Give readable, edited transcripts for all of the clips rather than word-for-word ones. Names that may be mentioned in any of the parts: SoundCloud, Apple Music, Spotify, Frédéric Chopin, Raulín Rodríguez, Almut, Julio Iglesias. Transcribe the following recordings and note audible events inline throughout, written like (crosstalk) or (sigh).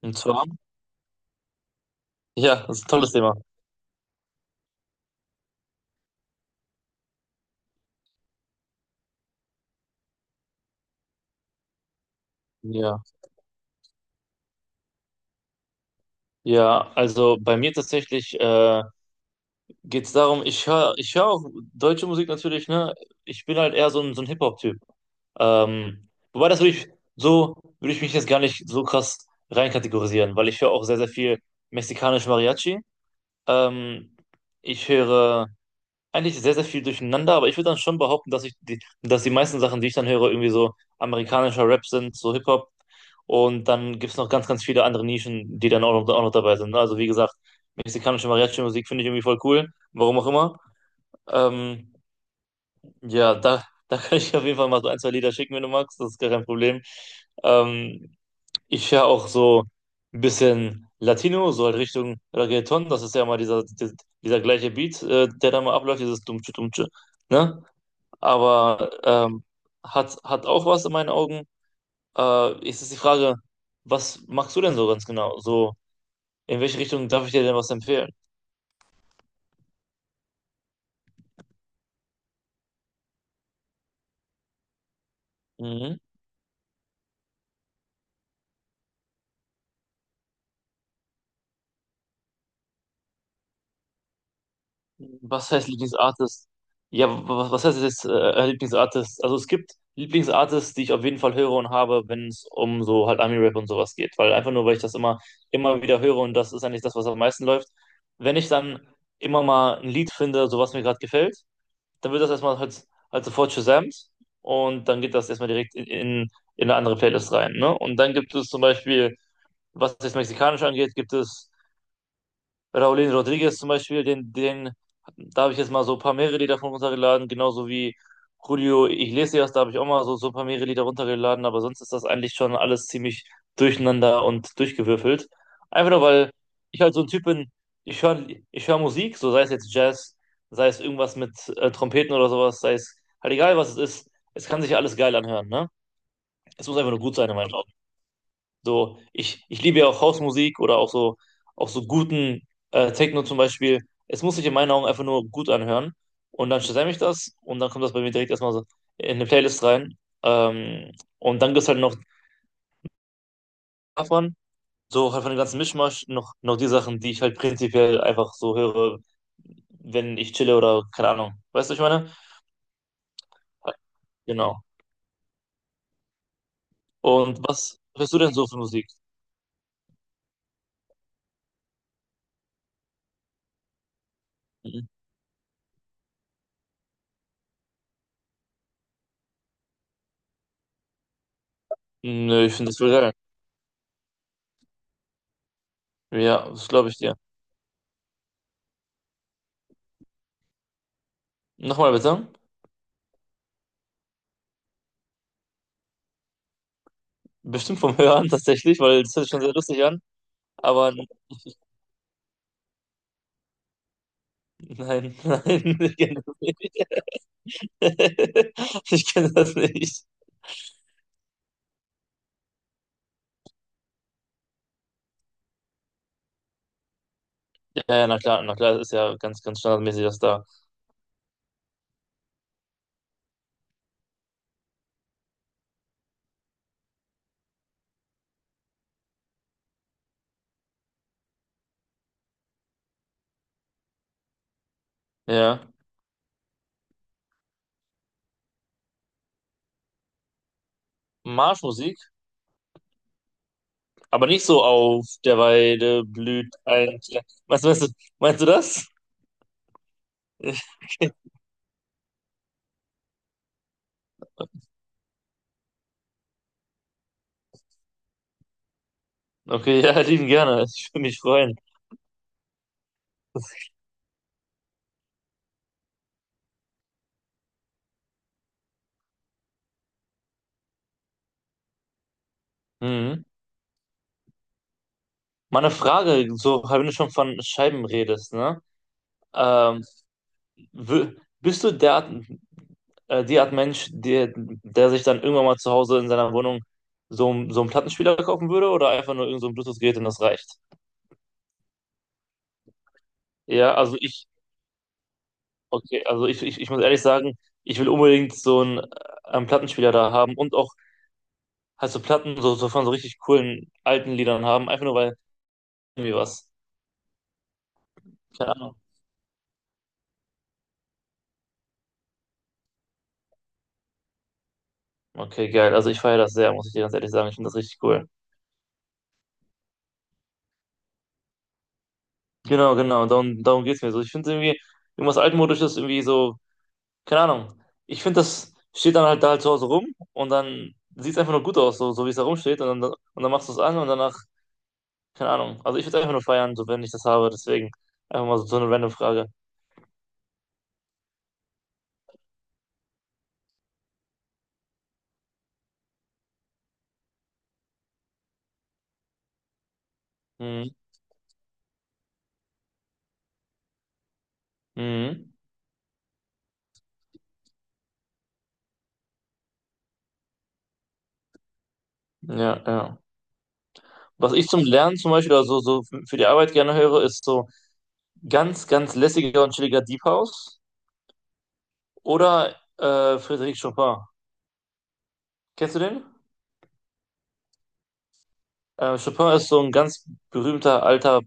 Und zwar, ja, das ist ein tolles Thema. Ja, ja, also bei mir tatsächlich geht es darum, ich hör auch deutsche Musik natürlich, ne? Ich bin halt eher so ein Hip-Hop-Typ. Wobei das würde ich, so würde ich mich jetzt gar nicht so krass reinkategorisieren, weil ich höre auch sehr, sehr viel mexikanisch Mariachi. Ähm, ich höre eigentlich sehr, sehr viel durcheinander, aber ich würde dann schon behaupten, dass die meisten Sachen, die ich dann höre, irgendwie so amerikanischer Rap sind, so Hip-Hop. Und dann gibt es noch ganz, ganz viele andere Nischen, die dann auch noch dabei sind. Ne? Also wie gesagt, mexikanische Mariachi-Musik finde ich irgendwie voll cool, warum auch immer. Ähm, ja, da kann ich auf jeden Fall mal so ein, zwei Lieder schicken, wenn du magst, das ist gar kein Problem. Ähm, ich höre auch so ein bisschen Latino, so halt Richtung Reggaeton, das ist ja mal dieser gleiche Beat, der da mal abläuft, dieses Dumtsche, Dumtsche, ne? Aber hat auch was in meinen Augen. Jetzt ist die Frage, was machst du denn so ganz genau? So, in welche Richtung darf ich dir denn was empfehlen? Mhm. Was heißt Lieblingsartist? Ja, was heißt jetzt Lieblingsartist? Also es gibt Lieblingsartists, die ich auf jeden Fall höre und habe, wenn es um so halt Ami-Rap und sowas geht. Weil einfach nur, weil ich das immer wieder höre und das ist eigentlich das, was am meisten läuft. Wenn ich dann immer mal ein Lied finde, so was mir gerade gefällt, dann wird das erstmal halt sofort gesamt und dann geht das erstmal direkt in eine andere Playlist rein. Ne? Und dann gibt es zum Beispiel, was das Mexikanische angeht, gibt es Raulín Rodríguez zum Beispiel, da habe ich jetzt mal so ein paar mehrere Lieder von runtergeladen, genauso wie Julio Iglesias, da habe ich auch mal so, so ein paar mehrere Lieder runtergeladen, aber sonst ist das eigentlich schon alles ziemlich durcheinander und durchgewürfelt. Einfach nur, weil ich halt so ein Typ bin, ich höre ich hör Musik, so sei es jetzt Jazz, sei es irgendwas mit Trompeten oder sowas, sei es halt egal, was es ist, es kann sich alles geil anhören, ne? Es muss einfach nur gut sein in meinen Augen. So, ich liebe ja auch Hausmusik oder auch so guten Techno zum Beispiel. Es muss sich in meinen Augen einfach nur gut anhören. Und dann stelle ich das und dann kommt das bei mir direkt erstmal so in eine Playlist rein. Ähm, und dann gibt es halt noch davon, so halt von dem ganzen Mischmasch, noch die Sachen, die ich halt prinzipiell einfach so höre, wenn ich chille oder keine Ahnung. Weißt du, was ich meine? Genau. Und was hörst du denn so für Musik? Mhm. Nö, ich finde das voll geil. Ja, das glaube ich dir. Nochmal bitte. Bestimmt vom Hören tatsächlich, weil das hört sich schon sehr lustig an. Aber n- (laughs) nein, (laughs) nein, ich kenne das nicht. (laughs) Ich kenne das nicht. Ja, ja, na klar, na klar, das ist ja ganz, ganz standardmäßig, das da. Ja. Marschmusik, aber nicht so auf der Weide blüht ein. Kle- Meinst du, meinst du, meinst du das? (laughs) Okay, ja, lieben gerne. Ich würde mich freuen. Mhm. Meine Frage, so, wenn du schon von Scheiben redest, ne? Ähm, Wür- Bist du der Art, die Art Mensch, der sich dann irgendwann mal zu Hause in seiner Wohnung so einen Plattenspieler kaufen würde oder einfach nur irgend so ein Bluetooth-Gerät und das reicht? Ja, also ich, okay, also ich muss ehrlich sagen, ich will unbedingt so einen, einen Plattenspieler da haben und auch halt so Platten so, so von so richtig coolen alten Liedern haben, einfach nur weil irgendwie was. Keine Ahnung. Okay, geil. Also ich feiere das sehr, muss ich dir ganz ehrlich sagen. Ich finde das richtig cool. Genau, genau. Darum geht es mir so. Ich finde irgendwie, irgendwas Altmodisches irgendwie so keine Ahnung. Ich finde, das steht dann halt da halt zu Hause rum und dann sieht es einfach nur gut aus, so, so wie es da rumsteht und dann machst du es an und danach, keine Ahnung. Also ich würde einfach nur feiern, so wenn ich das habe, deswegen einfach mal so, so eine random Frage. Mhm. Mhm. Ja, ja. Was ich zum Lernen zum Beispiel oder so, so für die Arbeit gerne höre, ist so ganz, ganz lässiger und chilliger Deep House oder Frédéric Chopin. Kennst du den? Chopin ist so ein ganz berühmter alter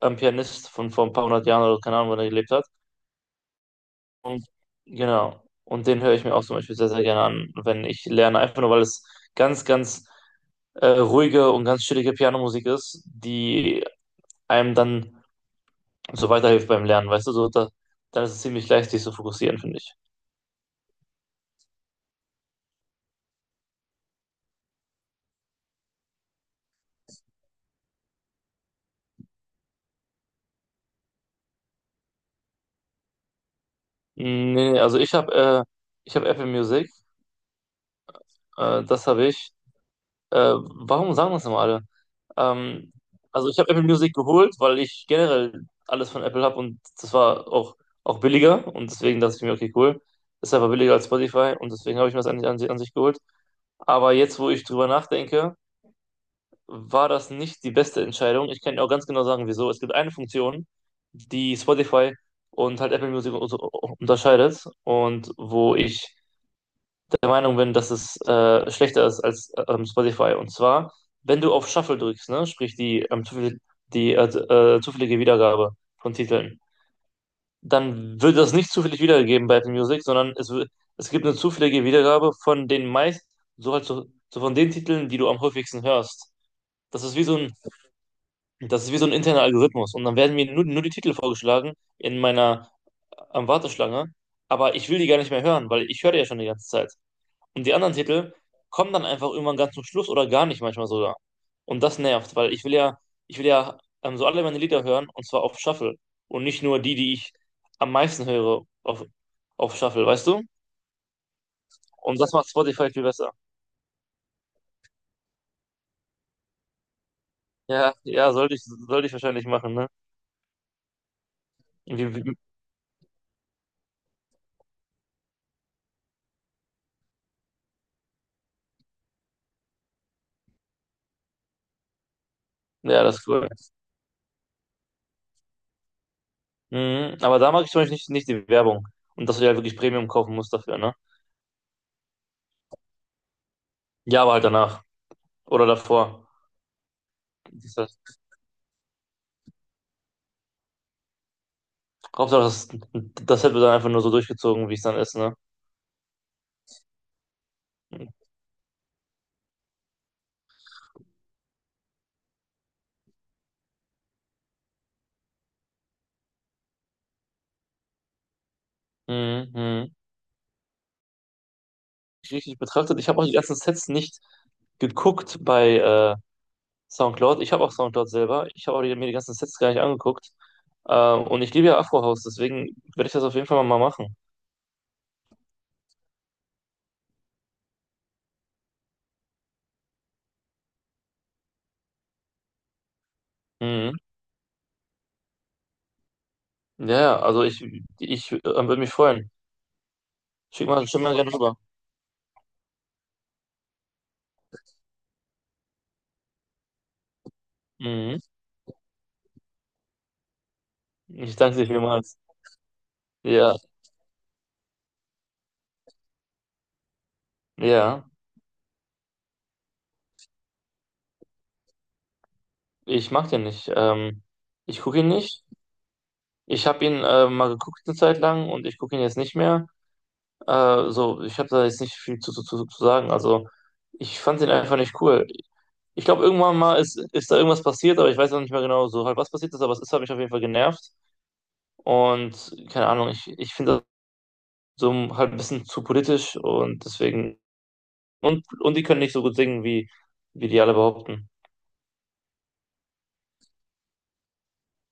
Pianist von vor ein paar hundert Jahren oder keine Ahnung, wann er gelebt hat. Genau. Und den höre ich mir auch zum Beispiel sehr, sehr gerne an, wenn ich lerne. Einfach nur, weil es ganz, ganz ruhige und ganz chillige Pianomusik ist, die einem dann so weiterhilft beim Lernen, weißt du, so da, dann ist es ziemlich leicht, sich zu fokussieren, finde ich. Nee, nee, also ich habe Apple Music, das habe ich. Warum sagen das immer alle? Ähm, also ich habe Apple Music geholt, weil ich generell alles von Apple habe und das war auch, auch billiger und deswegen dachte ich mir, okay, cool, ist aber billiger als Spotify und deswegen habe ich mir das an sich geholt. Aber jetzt, wo ich drüber nachdenke, war das nicht die beste Entscheidung. Ich kann dir auch ganz genau sagen, wieso. Es gibt eine Funktion, die Spotify und halt Apple Music unterscheidet und wo ich der Meinung bin, dass es schlechter ist als Spotify. Und zwar, wenn du auf Shuffle drückst, ne, sprich die, zufällig, die zufällige Wiedergabe von Titeln, dann wird das nicht zufällig wiedergegeben bei Apple Music, sondern es gibt eine zufällige Wiedergabe von den meist, so halt so, so von den Titeln, die du am häufigsten hörst. Das ist wie so ein, das ist wie so ein interner Algorithmus. Und dann werden mir nur die Titel vorgeschlagen in meiner Warteschlange, aber ich will die gar nicht mehr hören, weil ich höre die ja schon die ganze Zeit. Und die anderen Titel kommen dann einfach irgendwann ganz zum Schluss oder gar nicht manchmal sogar. Und das nervt, weil ich will ja, so alle meine Lieder hören und zwar auf Shuffle und nicht nur die, die ich am meisten höre auf Shuffle, weißt du? Und das macht Spotify viel besser. Ja, ja, sollte ich wahrscheinlich machen, ne? Wie, wie, ja, das ist cool. Mhm, aber da mag ich zum Beispiel nicht die Werbung. Und dass du dir halt wirklich Premium kaufen musst dafür, ne? Ja, aber halt danach. Oder davor. Das heißt, Hauptsache, das, das hätte dann einfach nur so durchgezogen, wie es dann ist, ne? Mhm, mhm. Richtig betrachtet. Ich habe auch die ganzen Sets nicht geguckt bei SoundCloud. Ich habe auch SoundCloud selber. Ich habe auch die, mir die ganzen Sets gar nicht angeguckt. Und ich liebe ja Afrohaus, deswegen werde ich das auf jeden Fall mal machen. Mhm. Ja, ja, also ich, würde mich freuen. Schick mal gerne rüber. Mhm. Ich danke dir vielmals. Ja, ja, ich mag den nicht. Ich gucke ihn nicht. Ich habe ihn mal geguckt eine Zeit lang und ich gucke ihn jetzt nicht mehr. So, ich habe da jetzt nicht viel zu sagen. Also, ich fand den einfach nicht cool. Ich glaube, irgendwann mal ist da irgendwas passiert, aber ich weiß auch nicht mehr genau so halt, was passiert ist, aber es ist, hat mich auf jeden Fall genervt. Und keine Ahnung, ich finde das so halt ein bisschen zu politisch und deswegen. Und die können nicht so gut singen, wie, wie die alle behaupten.